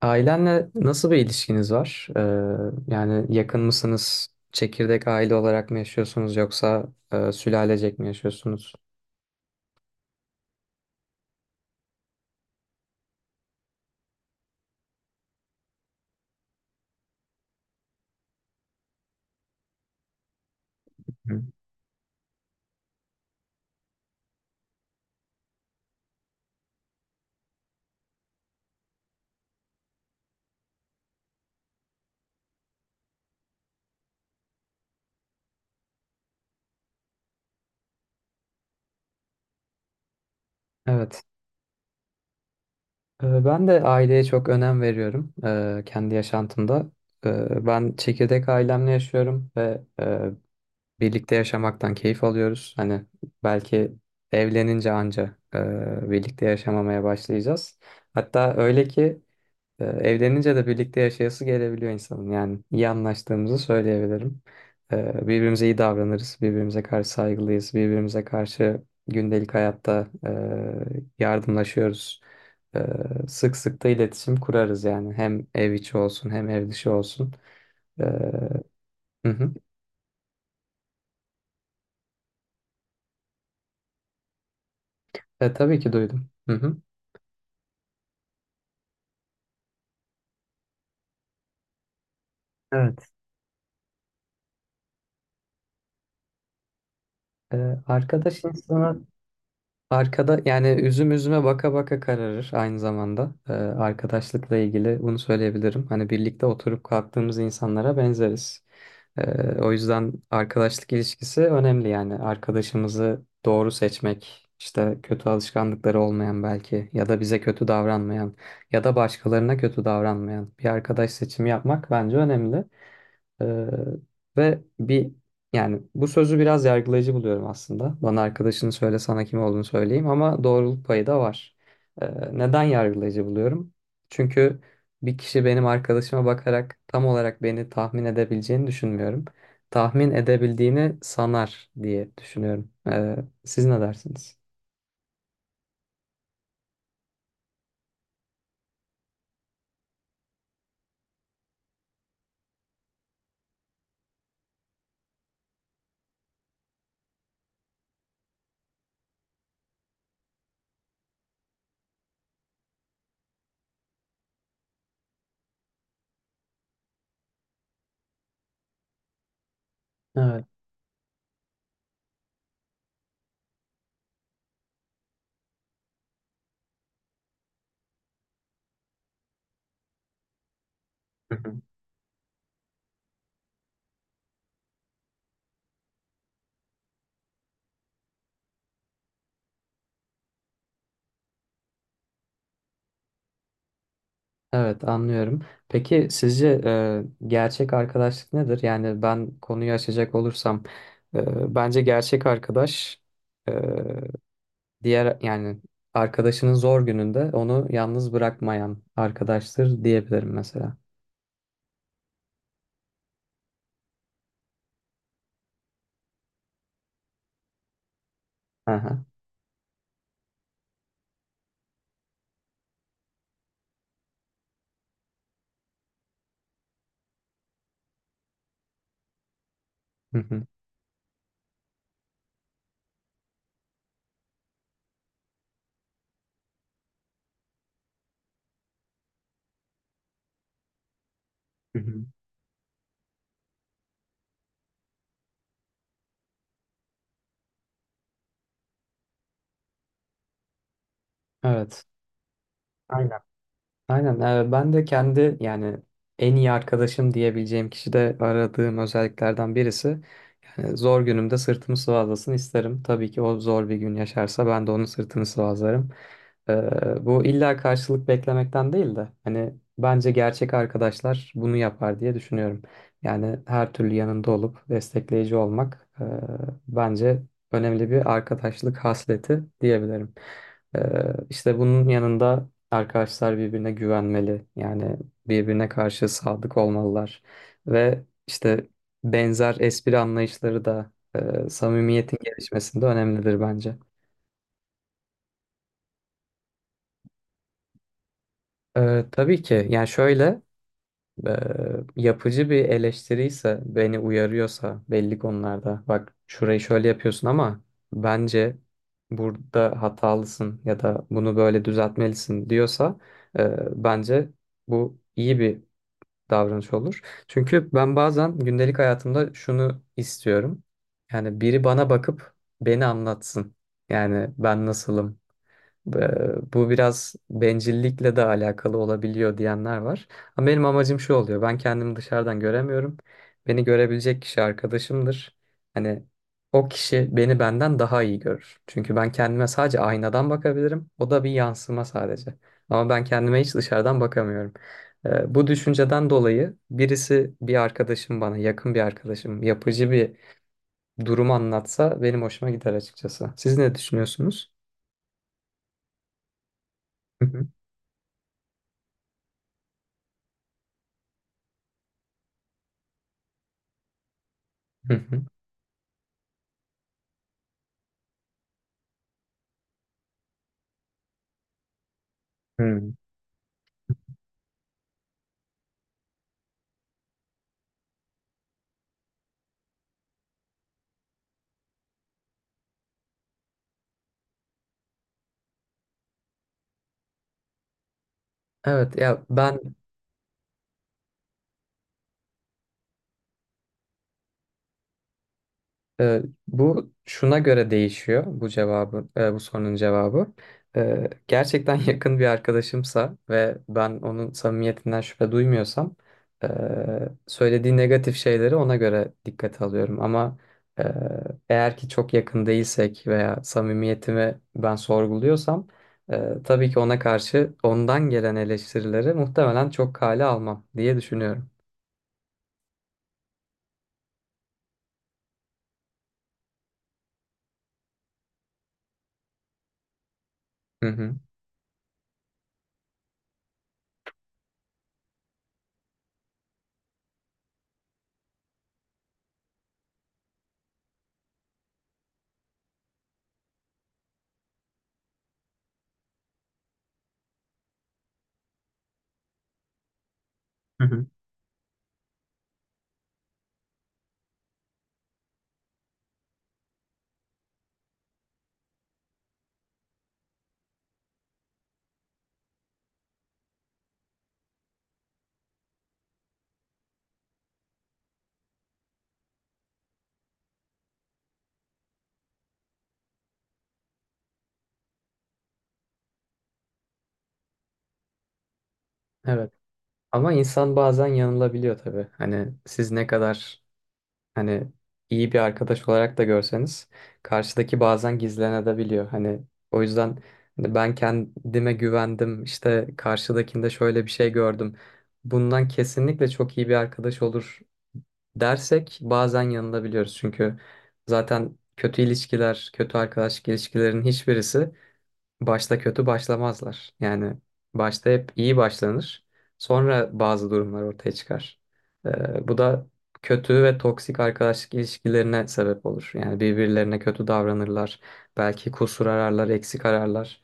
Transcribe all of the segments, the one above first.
Ailenle nasıl bir ilişkiniz var? Yani yakın mısınız? Çekirdek aile olarak mı yaşıyorsunuz yoksa sülalecek mi yaşıyorsunuz? Hı. Evet. Ben de aileye çok önem veriyorum kendi yaşantımda. Ben çekirdek ailemle yaşıyorum ve birlikte yaşamaktan keyif alıyoruz. Hani belki evlenince anca birlikte yaşamamaya başlayacağız. Hatta öyle ki. Evlenince de birlikte yaşayası gelebiliyor insanın. Yani iyi anlaştığımızı söyleyebilirim. Birbirimize iyi davranırız, birbirimize karşı saygılıyız, birbirimize karşı gündelik hayatta yardımlaşıyoruz. Ee, Sık sık da iletişim kurarız yani. Hem ev içi olsun hem ev dışı olsun. Ee, hı hı. Tabii ki duydum. Hı hı. Evet. Ee, arkadaş insanı Arkada yani üzüm üzüme baka baka kararır aynı zamanda. Arkadaşlıkla ilgili bunu söyleyebilirim. Hani birlikte oturup kalktığımız insanlara benzeriz. O yüzden arkadaşlık ilişkisi önemli yani. Arkadaşımızı doğru seçmek, işte kötü alışkanlıkları olmayan belki ya da bize kötü davranmayan ya da başkalarına kötü davranmayan bir arkadaş seçimi yapmak bence önemli. Ee, ve bir, yani bu sözü biraz yargılayıcı buluyorum aslında. Bana arkadaşını söyle sana kim olduğunu söyleyeyim, ama doğruluk payı da var. Neden yargılayıcı buluyorum? Çünkü bir kişi benim arkadaşıma bakarak tam olarak beni tahmin edebileceğini düşünmüyorum. Tahmin edebildiğini sanar diye düşünüyorum. Siz ne dersiniz? Evet. Evet, anlıyorum. Peki sizce gerçek arkadaşlık nedir? Yani ben konuyu açacak olursam bence gerçek arkadaş, e, diğer yani arkadaşının zor gününde onu yalnız bırakmayan arkadaştır diyebilirim mesela. Aha. Hı hı. Hı hı. Evet. Aynen. Aynen. Ben de kendi yani en iyi arkadaşım diyebileceğim kişi de aradığım özelliklerden birisi. Zor günümde sırtımı sıvazlasın isterim. Tabii ki o zor bir gün yaşarsa ben de onun sırtını sıvazlarım. Bu illa karşılık beklemekten değil de hani bence gerçek arkadaşlar bunu yapar diye düşünüyorum. Yani her türlü yanında olup destekleyici olmak bence önemli bir arkadaşlık hasleti diyebilirim. E, işte bunun yanında arkadaşlar birbirine güvenmeli. Yani birbirine karşı sadık olmalılar ve işte benzer espri anlayışları da samimiyetin gelişmesinde önemlidir bence. Tabii ki, yani şöyle, e, yapıcı bir eleştiri ise, beni uyarıyorsa belli konularda, bak şurayı şöyle yapıyorsun ama bence burada hatalısın ya da bunu böyle düzeltmelisin diyorsa, bence bu iyi bir davranış olur. Çünkü ben bazen gündelik hayatımda şunu istiyorum. Yani biri bana bakıp beni anlatsın. Yani ben nasılım? Ve bu biraz bencillikle de alakalı olabiliyor diyenler var. Ama benim amacım şu oluyor. Ben kendimi dışarıdan göremiyorum. Beni görebilecek kişi arkadaşımdır. Hani o kişi beni benden daha iyi görür. Çünkü ben kendime sadece aynadan bakabilirim. O da bir yansıma sadece. Ama ben kendime hiç dışarıdan bakamıyorum. Bu düşünceden dolayı birisi, bir arkadaşım bana, yakın bir arkadaşım, yapıcı bir durum anlatsa benim hoşuma gider açıkçası. Siz ne düşünüyorsunuz? Hı hı. Hı hı. Hı. Evet ya, ben, e, bu şuna göre değişiyor, bu cevabı, bu sorunun cevabı. Gerçekten yakın bir arkadaşımsa ve ben onun samimiyetinden şüphe duymuyorsam, e, söylediği negatif şeyleri ona göre dikkate alıyorum. Ama e, eğer ki çok yakın değilsek veya samimiyetimi ben sorguluyorsam, tabii ki ona karşı, ondan gelen eleştirileri muhtemelen çok kale almam diye düşünüyorum. Hı hı. Hı hı. Evet. Ama insan bazen yanılabiliyor tabii. Hani siz ne kadar hani iyi bir arkadaş olarak da görseniz, karşıdaki bazen gizlenebiliyor. Hani o yüzden hani ben kendime güvendim, işte karşıdakinde şöyle bir şey gördüm, bundan kesinlikle çok iyi bir arkadaş olur dersek bazen yanılabiliyoruz. Çünkü zaten kötü ilişkiler, kötü arkadaşlık ilişkilerin hiçbirisi başta kötü başlamazlar. Yani başta hep iyi başlanır. Sonra bazı durumlar ortaya çıkar. Bu da kötü ve toksik arkadaşlık ilişkilerine sebep olur. Yani birbirlerine kötü davranırlar. Belki kusur ararlar, eksik ararlar.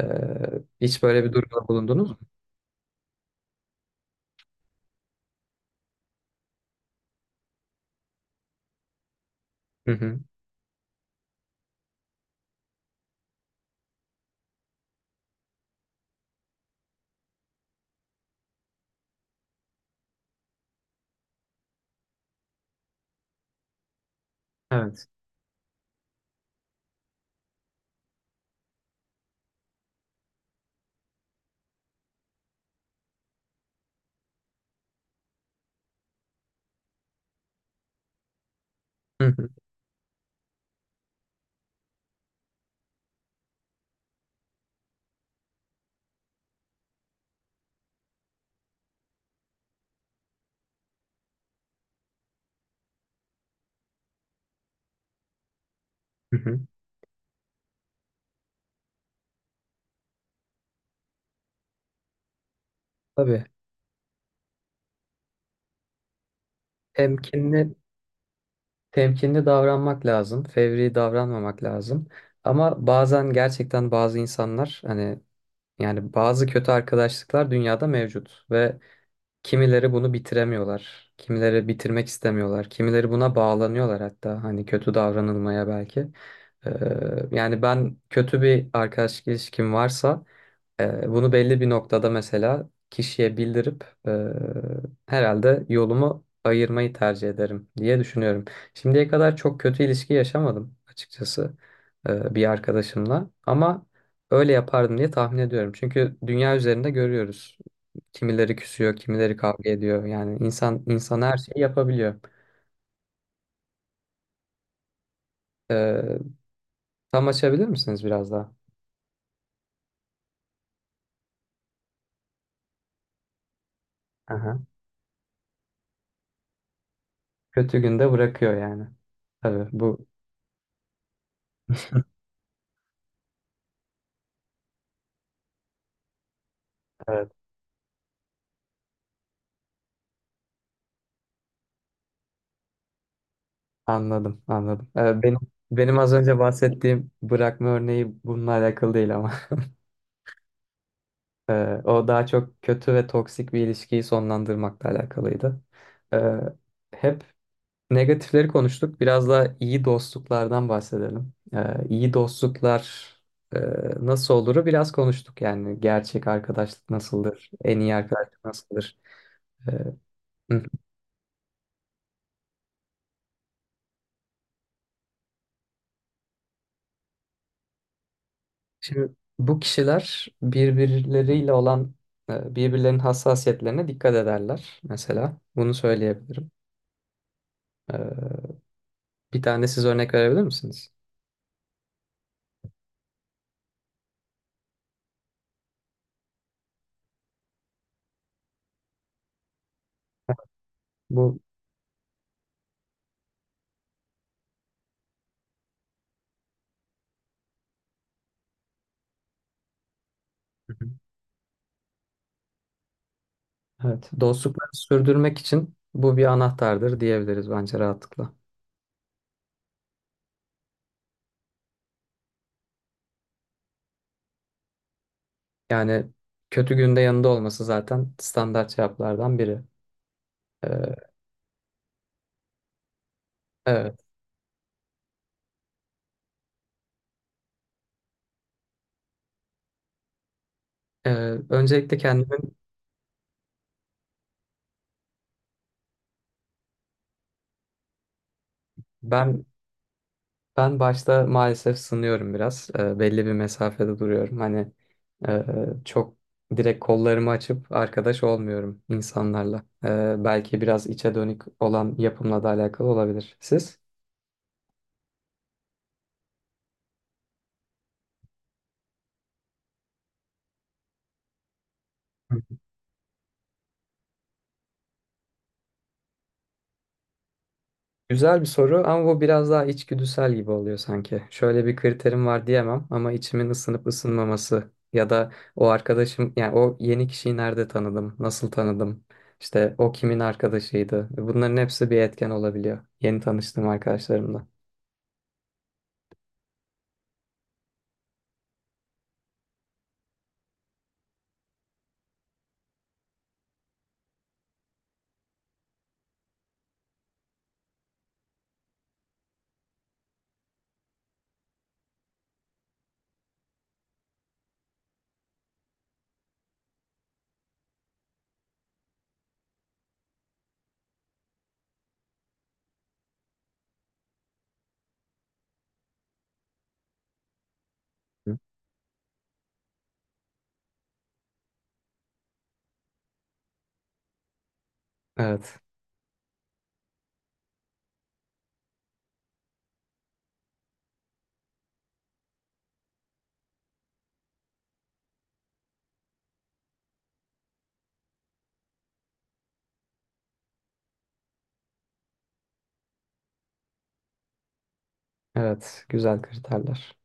Ee, Hiç böyle bir durumda bulundunuz mu? Hı hı. Evet. Hı hı. Hı hı. Tabii. Temkinli, temkinli davranmak lazım. Fevri davranmamak lazım. Ama bazen gerçekten bazı insanlar hani, yani bazı kötü arkadaşlıklar dünyada mevcut ve kimileri bunu bitiremiyorlar. Kimileri bitirmek istemiyorlar. Kimileri buna bağlanıyorlar hatta, hani kötü davranılmaya belki. Ee, Yani ben kötü bir arkadaşlık ilişkim varsa bunu belli bir noktada mesela kişiye bildirip, herhalde yolumu ayırmayı tercih ederim diye düşünüyorum. Şimdiye kadar çok kötü ilişki yaşamadım açıkçası bir arkadaşımla, ama öyle yapardım diye tahmin ediyorum. Çünkü dünya üzerinde görüyoruz. Kimileri küsüyor, kimileri kavga ediyor. Yani insan insan her şeyi yapabiliyor. Ee, Tam açabilir misiniz biraz daha? Aha. Kötü günde bırakıyor yani. Tabii bu. Evet. Anladım, anladım. Benim az önce bahsettiğim bırakma örneği bununla alakalı değil ama o daha çok kötü ve toksik bir ilişkiyi sonlandırmakla alakalıydı. Ee, Hep negatifleri konuştuk. Biraz da iyi dostluklardan bahsedelim. İyi dostluklar e, nasıl oluru biraz konuştuk, yani gerçek arkadaşlık nasıldır, en iyi arkadaşlık nasıldır. Ee, Şimdi bu kişiler birbirleriyle olan birbirlerinin hassasiyetlerine dikkat ederler mesela. Bunu söyleyebilirim. E, Bir tane siz örnek verebilir misiniz? Bu. Hı hı. Evet, dostlukları sürdürmek için bu bir anahtardır diyebiliriz bence rahatlıkla. Yani kötü günde yanında olması zaten standart cevaplardan biri. E, Evet. E, Öncelikle kendimin, ben ben başta maalesef sınıyorum biraz. Belli bir mesafede duruyorum. Hani e, çok direkt kollarımı açıp arkadaş olmuyorum insanlarla. Belki biraz içe dönük olan yapımla da alakalı olabilir. Siz? Güzel bir soru ama bu biraz daha içgüdüsel gibi oluyor sanki. Şöyle bir kriterim var diyemem ama içimin ısınıp ısınmaması ya da o arkadaşım, yani o yeni kişiyi nerede tanıdım, nasıl tanıdım, işte o kimin arkadaşıydı. Bunların hepsi bir etken olabiliyor. Yeni tanıştığım arkadaşlarımla. Hı. Evet, evet, güzel kriterler.